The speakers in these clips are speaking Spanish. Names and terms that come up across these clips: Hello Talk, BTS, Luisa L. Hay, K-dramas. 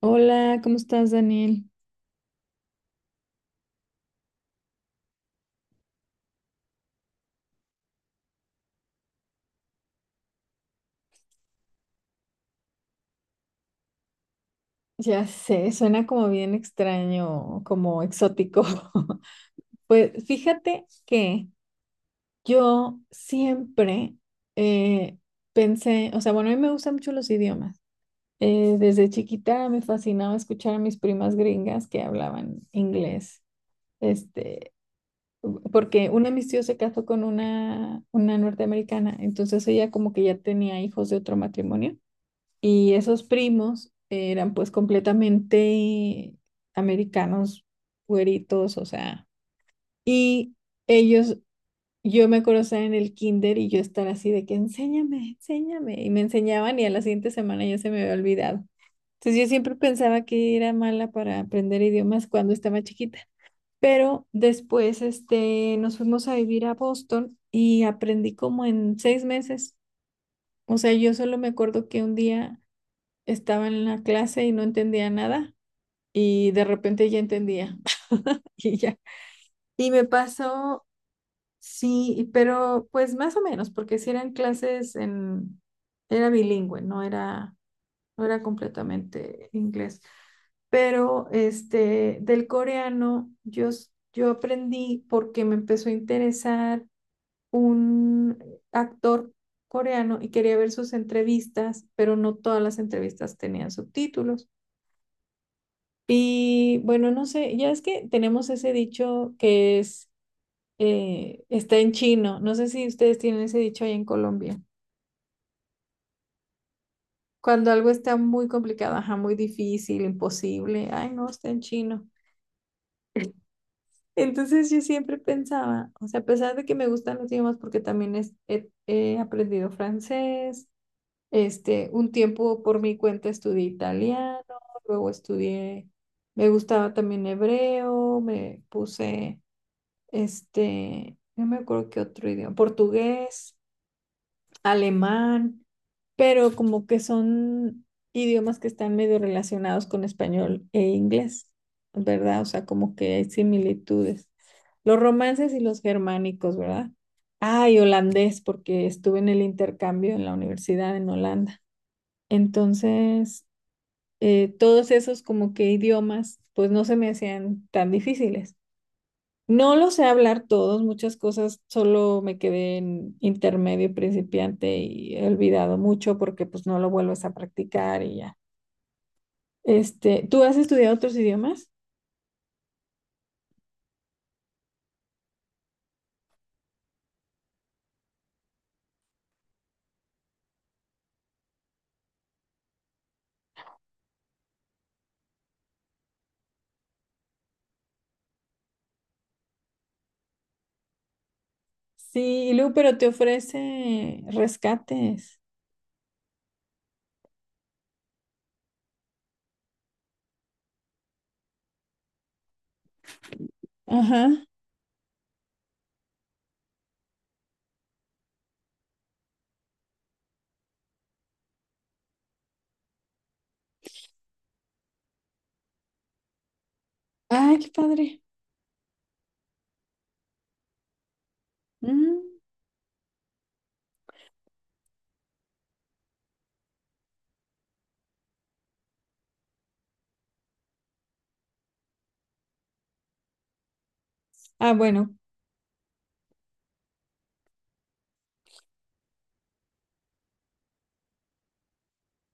Hola, ¿cómo estás, Daniel? Ya sé, suena como bien extraño, como exótico. Pues fíjate que yo siempre eh, pensé, o sea, bueno, a mí me gustan mucho los idiomas. Desde chiquita me fascinaba escuchar a mis primas gringas que hablaban inglés, este, porque uno de mis tíos se casó con una norteamericana, entonces ella como que ya tenía hijos de otro matrimonio. Y esos primos eran pues completamente americanos, güeritos, o sea. Y ellos, yo me acuerdo estar en el kinder y yo estar así de que enséñame, enséñame. Y me enseñaban y a la siguiente semana ya se me había olvidado. Entonces yo siempre pensaba que era mala para aprender idiomas cuando estaba chiquita. Pero después nos fuimos a vivir a Boston y aprendí como en 6 meses. O sea, yo solo me acuerdo que un día estaba en la clase y no entendía nada y de repente ya entendía y ya. Y me pasó, sí, pero pues más o menos, porque si eran clases en, era bilingüe, no era, no era completamente inglés. Pero del coreano yo aprendí porque me empezó a interesar un actor coreano y quería ver sus entrevistas, pero no todas las entrevistas tenían subtítulos. Y bueno, no sé, ya es que tenemos ese dicho que es, está en chino. No sé si ustedes tienen ese dicho ahí en Colombia. Cuando algo está muy complicado, ajá, muy difícil, imposible, ay, no, está en chino. Entonces yo siempre pensaba, o sea, a pesar de que me gustan los idiomas, porque también he aprendido francés, un tiempo por mi cuenta estudié italiano, luego estudié, me gustaba también hebreo, me puse no me acuerdo qué otro idioma, portugués, alemán, pero como que son idiomas que están medio relacionados con español e inglés, ¿verdad? O sea, como que hay similitudes. Los romances y los germánicos, ¿verdad? Ah, y holandés, porque estuve en el intercambio en la universidad en Holanda. Entonces, todos esos como que idiomas, pues no se me hacían tan difíciles, no lo sé hablar todos, muchas cosas solo me quedé en intermedio principiante y he olvidado mucho porque pues no lo vuelves a practicar y ya. ¿Tú has estudiado otros idiomas? Sí, y luego, pero te ofrece rescates. Ajá. Ay, qué padre. Mm. Ah, bueno,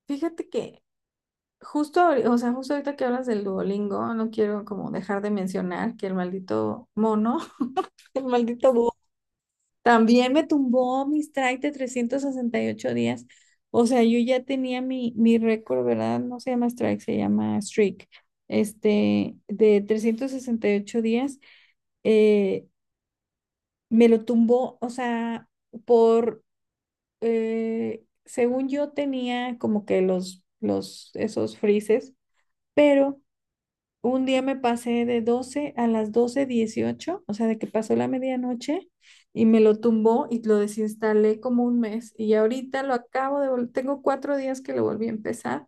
fíjate que o sea, justo ahorita que hablas del Duolingo, no quiero como dejar de mencionar que el maldito mono, el maldito también me tumbó mis strike de 368 días. O sea, yo ya tenía mi récord, ¿verdad? No se llama strike, se llama streak. De 368 días, eh, me lo tumbó, o sea, por, según yo tenía como que esos freezes, pero un día me pasé de 12 a las 12:18, o sea, de que pasó la medianoche y me lo tumbó y lo desinstalé como un mes. Y ahorita lo acabo de tengo 4 días que lo volví a empezar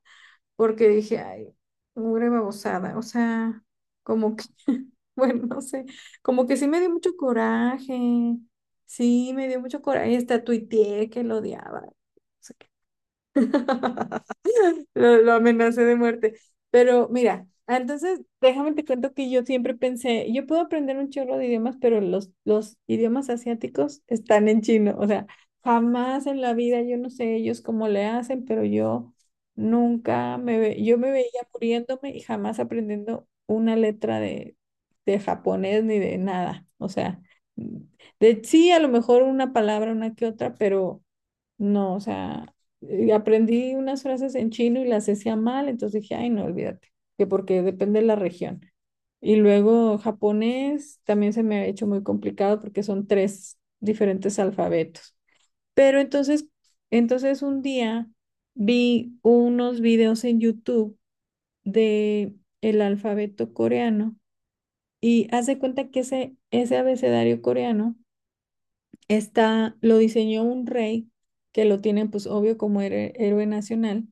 porque dije, ay, mugre babosada, o sea, como que, bueno, no sé, como que sí me dio mucho coraje, sí, me dio mucho coraje, hasta tuiteé que lo odiaba. O sea, Lo amenacé de muerte. Pero mira, ah, entonces déjame te cuento que yo siempre pensé, yo puedo aprender un chorro de idiomas, pero los idiomas asiáticos están en chino. O sea, jamás en la vida, yo no sé ellos cómo le hacen, pero yo nunca me ve, yo me veía muriéndome y jamás aprendiendo una letra de japonés ni de nada. O sea, de sí, a lo mejor una palabra, una que otra, pero no, o sea, aprendí unas frases en chino y las decía mal, entonces dije, ay, no, olvídate, que porque depende de la región. Y luego japonés también se me ha hecho muy complicado porque son tres diferentes alfabetos. Pero entonces, entonces un día vi unos videos en YouTube de el alfabeto coreano y haz de cuenta que ese abecedario coreano está, lo diseñó un rey que lo tienen pues obvio como héroe héroe nacional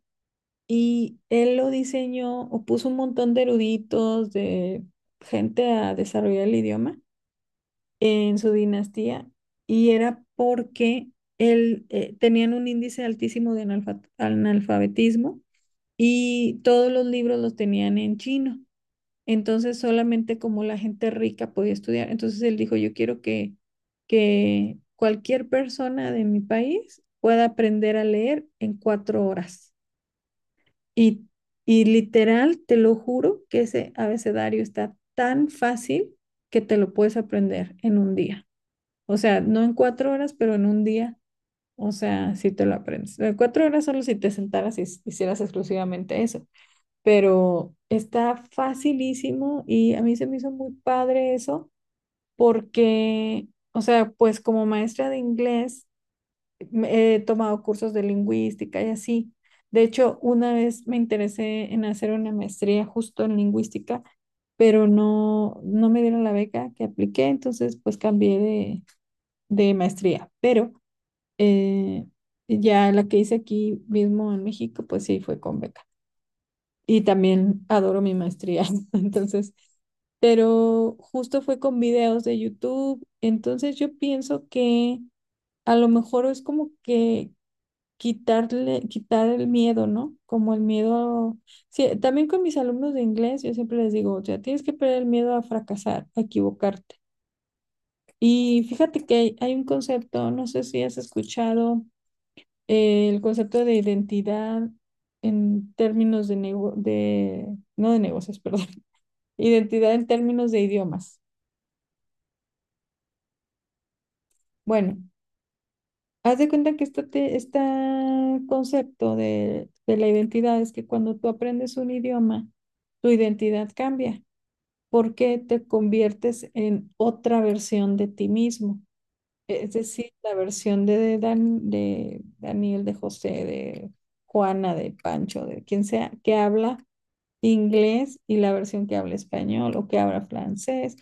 y él lo diseñó o puso un montón de eruditos, de gente a desarrollar el idioma en su dinastía y era porque él, tenían un índice altísimo de analfabetismo y todos los libros los tenían en chino. Entonces solamente como la gente rica podía estudiar. Entonces él dijo, yo quiero que cualquier persona de mi país pueda aprender a leer en 4 horas. Y, y literal, te lo juro que ese abecedario está tan fácil que te lo puedes aprender en un día. O sea, no en 4 horas, pero en un día. O sea, si te lo aprendes. En cuatro horas solo si te sentaras y hicieras exclusivamente eso, pero está facilísimo y a mí se me hizo muy padre eso porque, o sea, pues como maestra de inglés he tomado cursos de lingüística y así. De hecho, una vez me interesé en hacer una maestría justo en lingüística, pero no, no me dieron la beca que apliqué, entonces pues cambié de maestría, pero eh, ya la que hice aquí mismo en México, pues sí fue con beca y también adoro mi maestría. Entonces, pero justo fue con videos de YouTube. Entonces yo pienso que a lo mejor es como que quitarle, quitar el miedo, ¿no? Como el miedo. Sí, también con mis alumnos de inglés, yo siempre les digo, o sea, tienes que perder el miedo a fracasar, a equivocarte. Y fíjate que hay un concepto, no sé si has escuchado, el concepto de identidad en términos de no de negocios, perdón, identidad en términos de idiomas. Bueno, haz de cuenta que este, este concepto de la identidad es que cuando tú aprendes un idioma, tu identidad cambia porque te conviertes en otra versión de ti mismo. Es decir, la versión de, de Daniel, de José, de Juana, de Pancho, de quien sea, que habla inglés y la versión que habla español o que habla francés.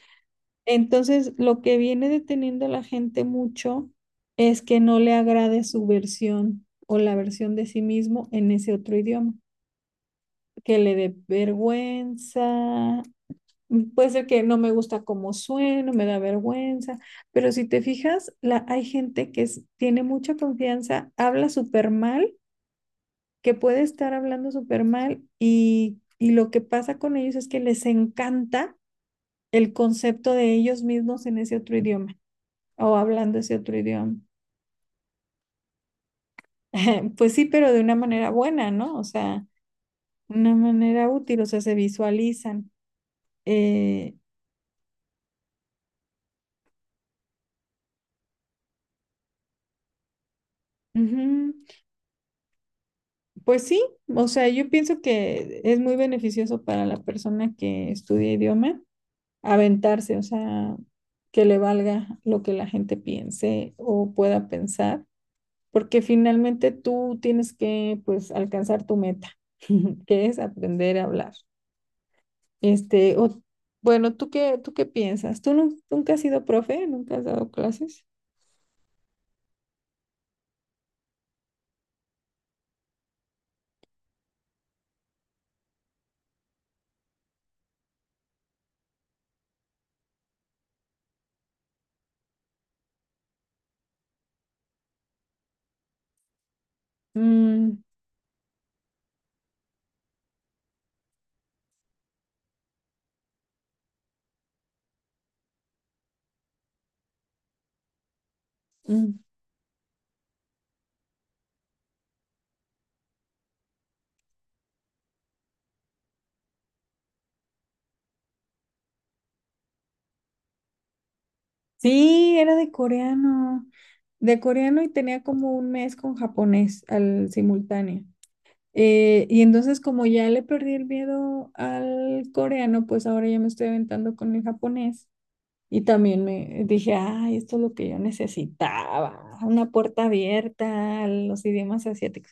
Entonces, lo que viene deteniendo a la gente mucho es que no le agrade su versión o la versión de sí mismo en ese otro idioma, que le dé vergüenza, puede ser que no me gusta cómo sueno, me da vergüenza, pero si te fijas, la, hay gente que tiene mucha confianza, habla súper mal, que puede estar hablando súper mal y lo que pasa con ellos es que les encanta el concepto de ellos mismos en ese otro idioma, o hablando ese otro idioma. Pues sí, pero de una manera buena, ¿no? O sea, una manera útil, o sea, se visualizan. Eh, ujú. Pues sí, o sea, yo pienso que es muy beneficioso para la persona que estudia idioma aventarse, o sea, que le valga lo que la gente piense o pueda pensar, porque finalmente tú tienes que, pues, alcanzar tu meta, que es aprender a hablar. Este, o, bueno, tú qué piensas? ¿Tú nunca has sido profe? ¿Nunca has dado clases? Mm, mm. Sí, era de coreano y tenía como un mes con japonés al simultáneo. Y entonces como ya le perdí el miedo al coreano, pues ahora ya me estoy aventando con el japonés. Y también me dije, ay, esto es lo que yo necesitaba, una puerta abierta a los idiomas asiáticos.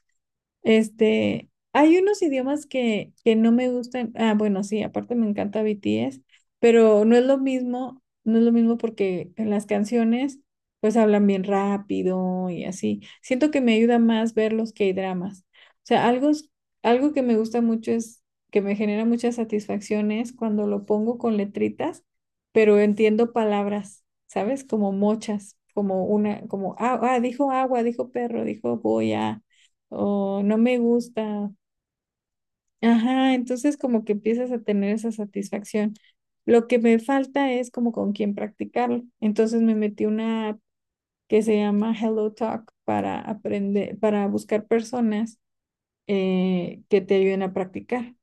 Este, hay unos idiomas que no me gustan. Ah, bueno, sí, aparte me encanta BTS, pero no es lo mismo, no es lo mismo porque en las canciones pues hablan bien rápido y así. Siento que me ayuda más ver los K-dramas. O sea, algo, algo que me gusta mucho es que me genera muchas satisfacciones cuando lo pongo con letritas, pero entiendo palabras, ¿sabes? Como mochas, como una, como, ah, ah, dijo agua, dijo perro, dijo voy a o no me gusta. Ajá, entonces como que empiezas a tener esa satisfacción. Lo que me falta es como con quién practicarlo. Entonces me metí una app que se llama Hello Talk para aprender, para buscar personas que te ayuden a practicar.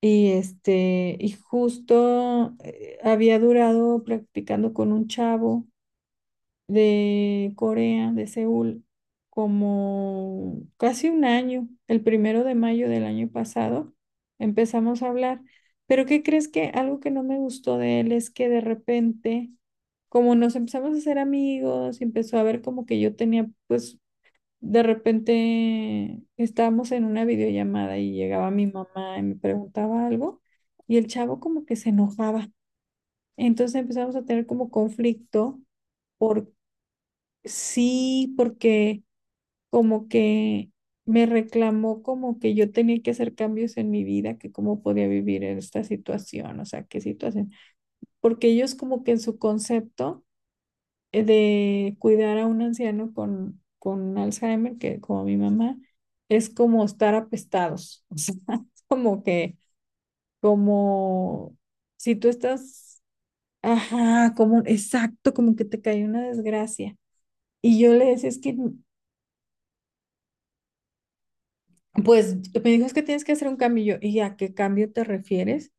Y este, y justo había durado practicando con un chavo de Corea, de Seúl, como casi un año, el primero de mayo del año pasado, empezamos a hablar. Pero ¿qué crees que algo que no me gustó de él es que de repente, como nos empezamos a hacer amigos, empezó a ver como que yo tenía, pues de repente estábamos en una videollamada y llegaba mi mamá y me preguntaba algo y el chavo como que se enojaba. Entonces empezamos a tener como conflicto. Sí, porque como que me reclamó como que yo tenía que hacer cambios en mi vida, que cómo podía vivir en esta situación, o sea, qué situación. Porque ellos como que en su concepto de cuidar a un anciano con Alzheimer, que como mi mamá, es como estar apestados, o sea, es como que, como si tú estás, ajá, como, exacto, como que te cae una desgracia. Y yo le decía, es que... Pues me dijo, es que tienes que hacer un cambio. Y yo, ¿y a qué cambio te refieres?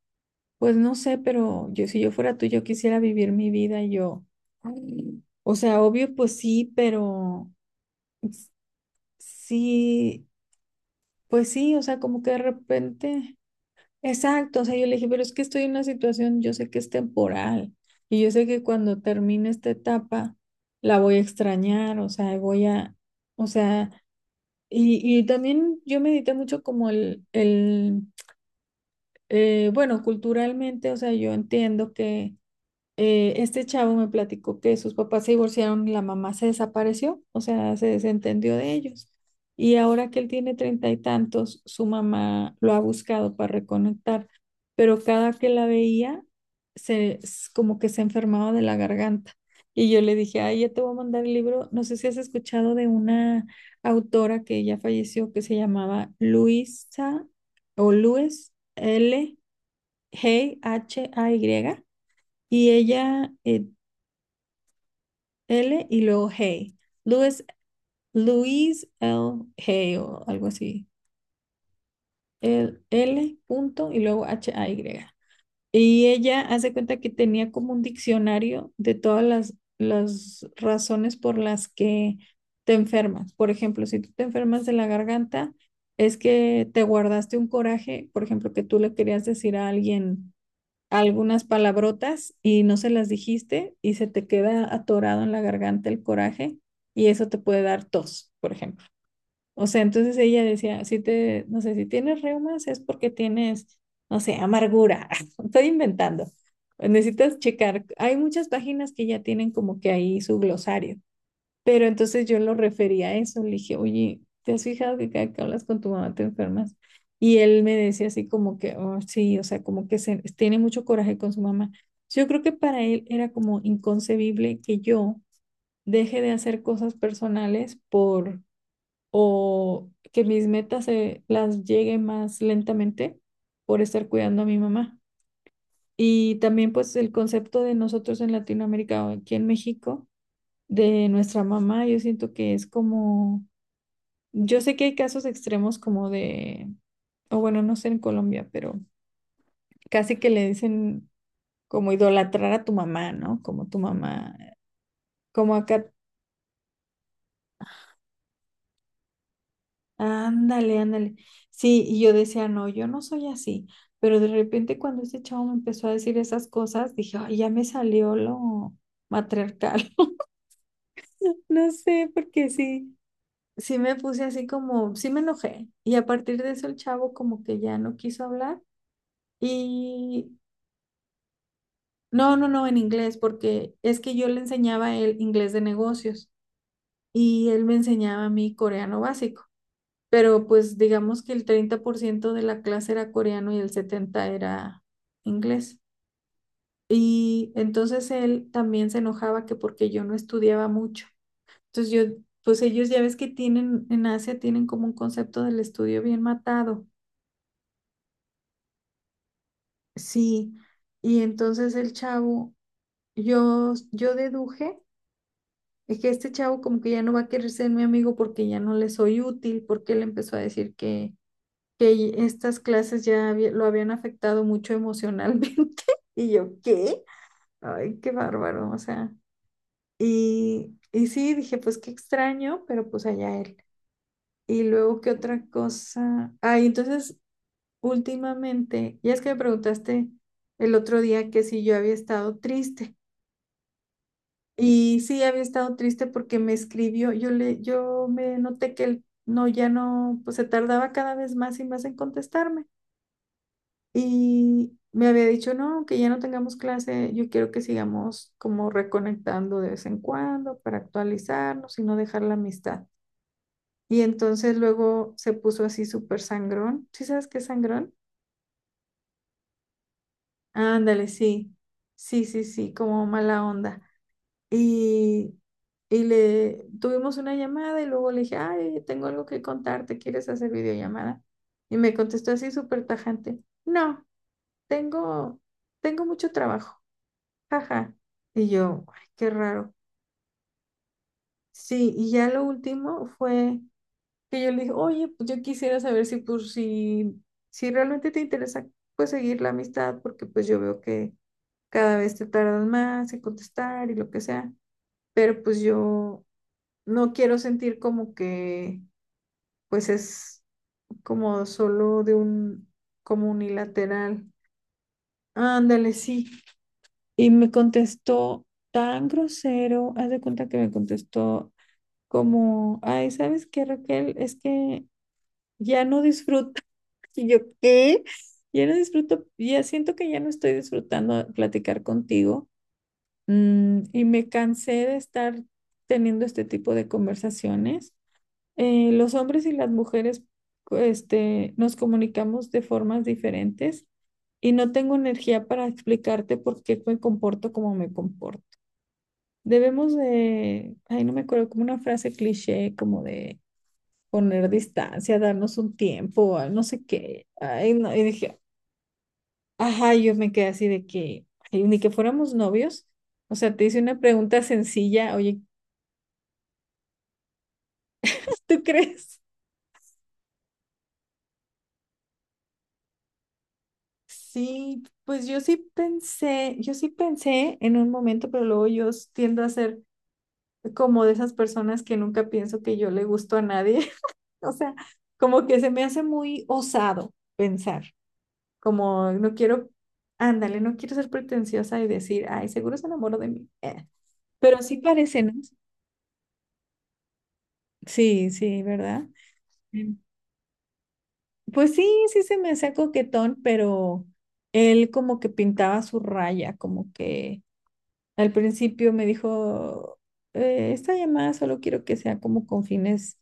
Pues no sé, pero yo, si yo fuera tú, yo quisiera vivir mi vida y yo. "Ay". O sea, obvio, pues sí, pero... s- sí, pues sí, o sea, como que de repente. Exacto, o sea, yo le dije, pero es que estoy en una situación, yo sé que es temporal y yo sé que cuando termine esta etapa la voy a extrañar, o sea, voy a, o sea, y también yo medité mucho como el Bueno, culturalmente, o sea, yo entiendo que este chavo me platicó que sus papás se divorciaron y la mamá se desapareció, o sea, se desentendió de ellos. Y ahora que él tiene treinta y tantos, su mamá lo ha buscado para reconectar, pero cada que la veía, como que se enfermaba de la garganta. Y yo le dije, ay, ya te voy a mandar el libro. No sé si has escuchado de una autora que ya falleció, que se llamaba Luisa o Luis L. Hey, H-A-Y, y ella L y luego Hey. Luis, Luis L. Hey o algo así. El L punto y luego H-A-Y. Y ella, hace cuenta que tenía como un diccionario de todas las razones por las que te enfermas. Por ejemplo, si tú te enfermas de la garganta, es que te guardaste un coraje, por ejemplo, que tú le querías decir a alguien algunas palabrotas y no se las dijiste y se te queda atorado en la garganta el coraje, y eso te puede dar tos, por ejemplo. O sea, entonces ella decía, si te, no sé, si tienes reumas es porque tienes, no sé, amargura. Estoy inventando. Necesitas checar. Hay muchas páginas que ya tienen como que ahí su glosario. Pero entonces yo lo refería a eso, le dije, oye, ¿te has fijado que cada que hablas con tu mamá te enfermas? Y él me decía así como que, "Oh, sí, o sea, como que tiene mucho coraje con su mamá". Yo creo que para él era como inconcebible que yo deje de hacer cosas personales por, o que mis metas las llegue más lentamente por estar cuidando a mi mamá. Y también pues el concepto de nosotros en Latinoamérica o aquí en México de nuestra mamá, yo siento que es como... yo sé que hay casos extremos como de, o bueno, no sé en Colombia, pero casi que le dicen como idolatrar a tu mamá, ¿no? Como tu mamá, como acá, ándale, ándale. Sí, y yo decía, no, yo no soy así, pero de repente cuando ese chavo me empezó a decir esas cosas, dije, ay, ya me salió lo matriarcal, no sé, porque sí. Sí, me puse así como, sí, me enojé. Y a partir de eso el chavo como que ya no quiso hablar. Y no, no, no, en inglés, porque es que yo le enseñaba a él inglés de negocios y él me enseñaba a mí coreano básico. Pero pues digamos que el 30% de la clase era coreano y el 70% era inglés. Y entonces él también se enojaba, que porque yo no estudiaba mucho. Entonces yo, pues, ellos ya ves que tienen, en Asia tienen como un concepto del estudio bien matado. Sí, y entonces el chavo, yo deduje, es que este chavo como que ya no va a querer ser mi amigo porque ya no le soy útil, porque él empezó a decir que estas clases ya lo habían afectado mucho emocionalmente. Y yo, ¿qué? Ay, qué bárbaro, o sea. Y sí, dije, pues qué extraño, pero pues allá él. Y luego, ¿qué otra cosa? Ay, entonces, últimamente, ya, es que me preguntaste el otro día que si yo había estado triste. Y sí, había estado triste porque me escribió, yo le, yo me noté que él no, ya no, pues se tardaba cada vez más y más en contestarme. Y me había dicho, no, que ya no tengamos clase, yo quiero que sigamos como reconectando de vez en cuando para actualizarnos y no dejar la amistad. Y entonces luego se puso así súper sangrón. ¿Sí sabes qué es sangrón? Ándale, sí, sí, sí, sí, como mala onda. Y, y le tuvimos una llamada y luego le dije, ay, tengo algo que contarte, ¿quieres hacer videollamada? Y me contestó así súper tajante, no, tengo, tengo, mucho trabajo, jaja. Y yo, ay, qué raro. Sí, y ya lo último fue que yo le dije, oye, pues yo quisiera saber si, pues, si realmente te interesa, pues, seguir la amistad, porque pues yo veo que cada vez te tardas más en contestar y lo que sea, pero pues yo... no quiero sentir como que, pues, es como solo de un, como unilateral. Ándale, sí. Y me contestó tan grosero, haz de cuenta que me contestó como, ay, ¿sabes qué, Raquel? Es que ya no disfruto. Y yo, ¿qué? Ya no disfruto, ya siento que ya no estoy disfrutando platicar contigo. Mm, y me cansé de estar teniendo este tipo de conversaciones. Los hombres y las mujeres, este, nos comunicamos de formas diferentes y no tengo energía para explicarte por qué me comporto como me comporto. Debemos de, ay, no me acuerdo, como una frase cliché, como de poner distancia, darnos un tiempo, ah, no sé qué. Ay, no, y dije, ajá, yo me quedé así de que, ay, ni que fuéramos novios. O sea, te hice una pregunta sencilla, oye, ¿tú crees? Sí, pues yo sí pensé en un momento, pero luego yo tiendo a ser como de esas personas que nunca pienso que yo le gusto a nadie. O sea, como que se me hace muy osado pensar, como no quiero, ándale, no quiero ser pretenciosa y decir, ay, seguro se enamoró de mí. Pero sí parece, ¿no? Sí, sí, ¿verdad? Mm. Pues sí, sí se me hacía coquetón, pero él como que pintaba su raya, como que... Al principio me dijo, Esta llamada solo quiero que sea como con fines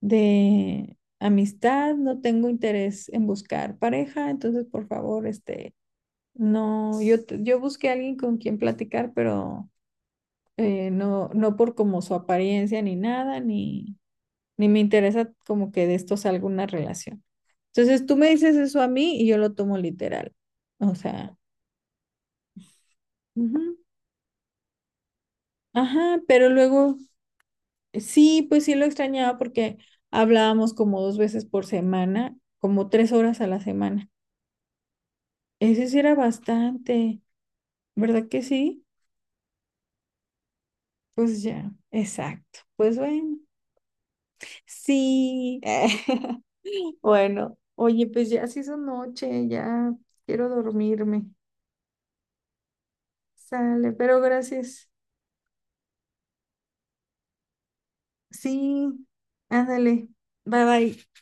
de amistad, no tengo interés en buscar pareja, entonces por favor, este, no, yo, yo busqué a alguien con quien platicar, pero no, no por como su apariencia ni nada, ni, ni me interesa como que de esto salga una relación. Entonces tú me dices eso a mí y yo lo tomo literal. O sea, ujú". Ajá, pero luego... Sí, pues sí lo extrañaba porque hablábamos como dos veces por semana, como tres horas a la semana. Eso sí era bastante, ¿verdad que sí? Pues ya, exacto. Pues bueno, sí. Bueno, oye, pues ya se hizo noche, ya quiero dormirme. Sale, pero gracias. Sí, ándale. Bye bye.